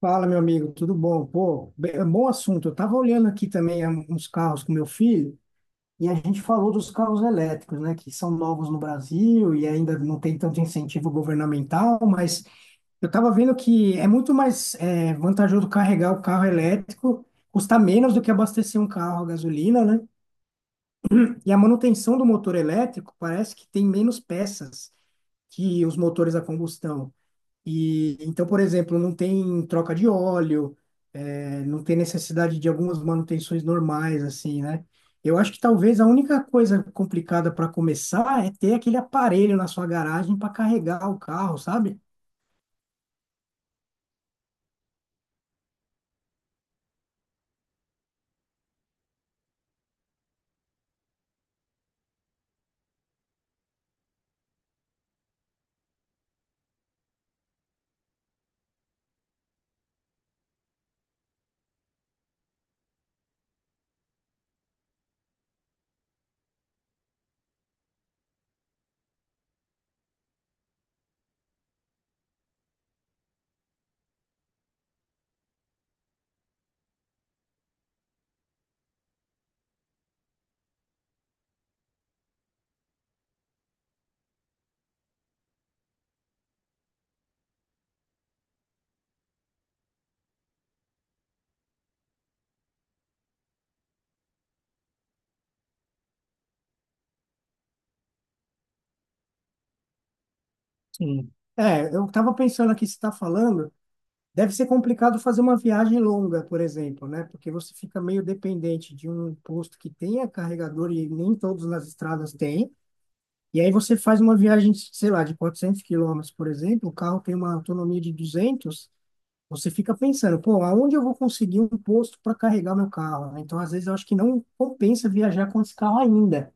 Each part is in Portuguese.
Fala, meu amigo, tudo bom? Pô, é um bom assunto. Eu tava olhando aqui também uns carros com meu filho e a gente falou dos carros elétricos, né, que são novos no Brasil e ainda não tem tanto incentivo governamental, mas eu tava vendo que é muito mais vantajoso carregar o carro elétrico, custa menos do que abastecer um carro a gasolina, né? E a manutenção do motor elétrico parece que tem menos peças que os motores a combustão. E então, por exemplo, não tem troca de óleo, não tem necessidade de algumas manutenções normais, assim, né? Eu acho que talvez a única coisa complicada para começar é ter aquele aparelho na sua garagem para carregar o carro, sabe? Sim. É, eu estava pensando aqui, você está falando, deve ser complicado fazer uma viagem longa, por exemplo, né? Porque você fica meio dependente de um posto que tenha carregador e nem todos nas estradas têm. E aí você faz uma viagem, sei lá, de 400 km, por exemplo, o carro tem uma autonomia de 200. Você fica pensando, pô, aonde eu vou conseguir um posto para carregar meu carro, né? Então, às vezes, eu acho que não compensa viajar com esse carro ainda,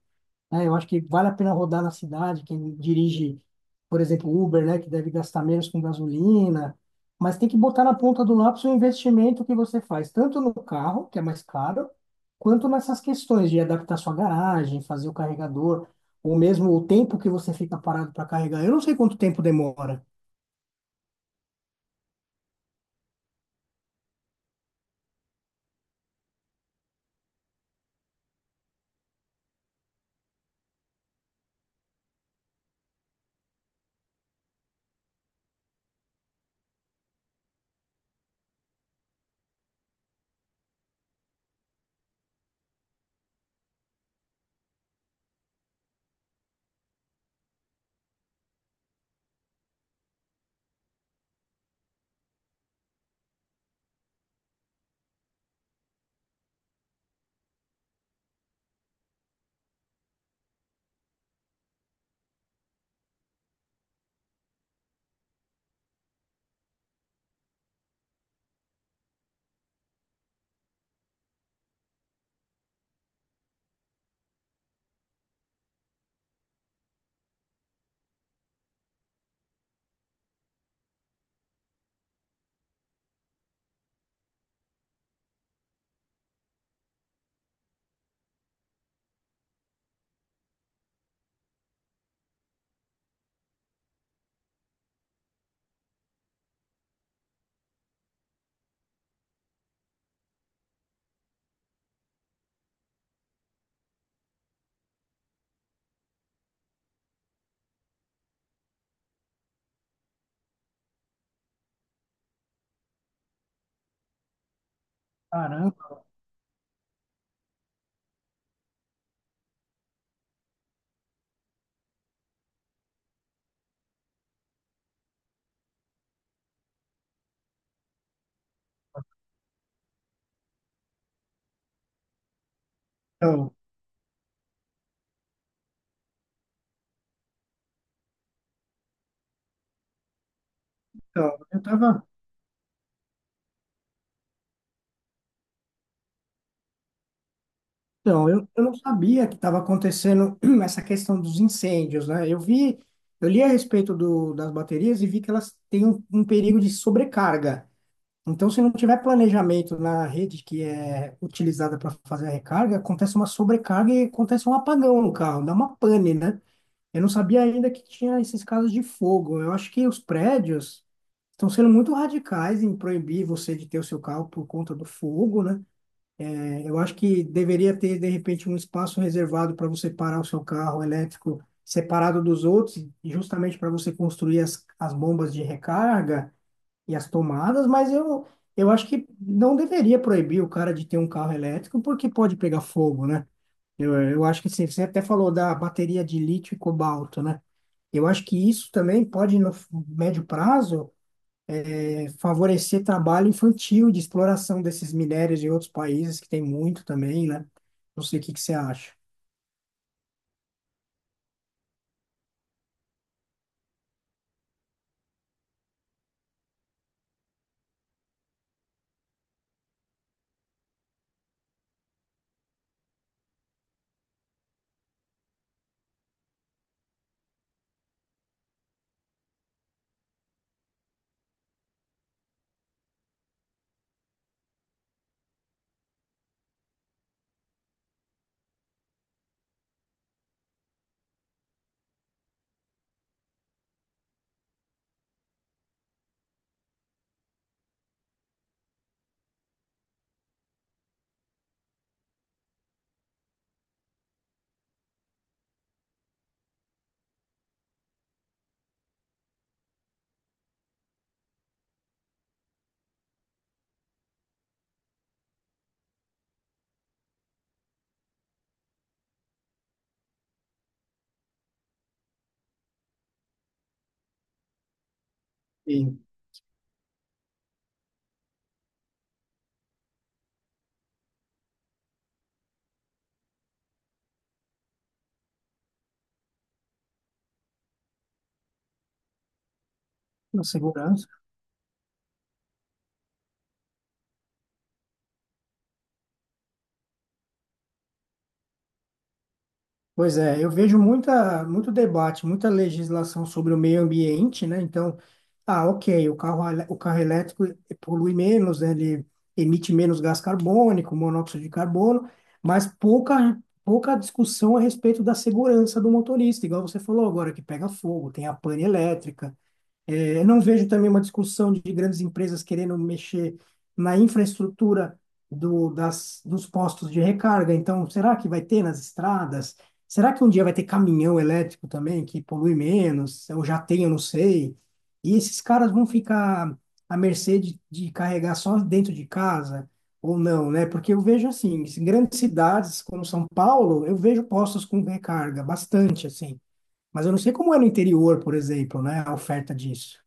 né? Eu acho que vale a pena rodar na cidade, quem dirige, por exemplo, Uber, né, que deve gastar menos com gasolina, mas tem que botar na ponta do lápis o investimento que você faz, tanto no carro, que é mais caro, quanto nessas questões de adaptar sua garagem, fazer o carregador, ou mesmo o tempo que você fica parado para carregar. Eu não sei quanto tempo demora. Caramba. Então, então, eu estava Então, eu não sabia que estava acontecendo essa questão dos incêndios, né? Eu vi, eu li a respeito das baterias e vi que elas têm um perigo de sobrecarga. Então, se não tiver planejamento na rede que é utilizada para fazer a recarga, acontece uma sobrecarga e acontece um apagão no carro, dá uma pane, né? Eu não sabia ainda que tinha esses casos de fogo. Eu acho que os prédios estão sendo muito radicais em proibir você de ter o seu carro por conta do fogo, né? Eu acho que deveria ter, de repente, um espaço reservado para você parar o seu carro elétrico separado dos outros, justamente para você construir as bombas de recarga e as tomadas, mas eu acho que não deveria proibir o cara de ter um carro elétrico, porque pode pegar fogo, né? Eu acho que sim, você até falou da bateria de lítio e cobalto, né? Eu acho que isso também pode, no médio prazo, favorecer trabalho infantil de exploração desses minérios de outros países, que tem muito também, né? Não sei o que que você acha. E na segurança. Pois é, eu vejo muita, muito debate, muita legislação sobre o meio ambiente, né? Então, ah, ok, o carro elétrico polui menos, né? Ele emite menos gás carbônico, monóxido de carbono, mas pouca, pouca discussão a respeito da segurança do motorista, igual você falou agora, que pega fogo, tem a pane elétrica. Eu não vejo também uma discussão de grandes empresas querendo mexer na infraestrutura dos postos de recarga. Então, será que vai ter nas estradas? Será que um dia vai ter caminhão elétrico também que polui menos? Ou já tem, eu não sei. E esses caras vão ficar à mercê de carregar só dentro de casa ou não, né? Porque eu vejo assim, em grandes cidades como São Paulo, eu vejo postos com recarga bastante assim. Mas eu não sei como é no interior, por exemplo, né? A oferta disso.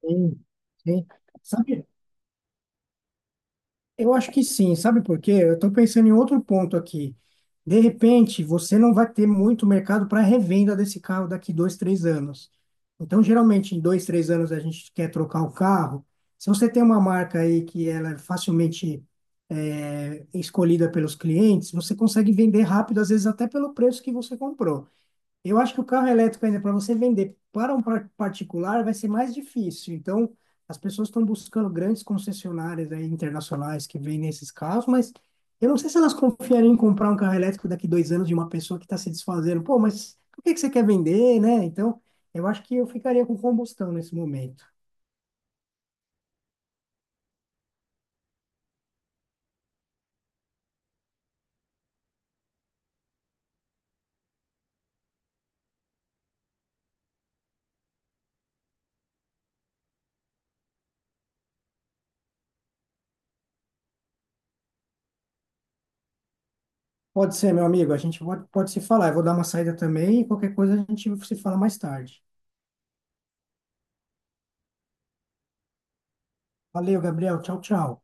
Sim, sim. Sabe, eu acho que sim, sabe por quê? Eu estou pensando em outro ponto aqui. De repente, você não vai ter muito mercado para revenda desse carro daqui 2, 3 anos. Então, geralmente, em 2, 3 anos, a gente quer trocar o carro. Se você tem uma marca aí que ela é facilmente escolhida pelos clientes, você consegue vender rápido, às vezes até pelo preço que você comprou. Eu acho que o carro elétrico ainda para você vender para um particular vai ser mais difícil. Então, as pessoas estão buscando grandes concessionárias aí internacionais que vendem esses carros, mas eu não sei se elas confiariam em comprar um carro elétrico daqui 2 anos de uma pessoa que está se desfazendo. Pô, mas por que que você quer vender, né? Então, eu acho que eu ficaria com combustão nesse momento. Pode ser, meu amigo, a gente pode se falar. Eu vou dar uma saída também e qualquer coisa a gente se fala mais tarde. Valeu, Gabriel. Tchau, tchau.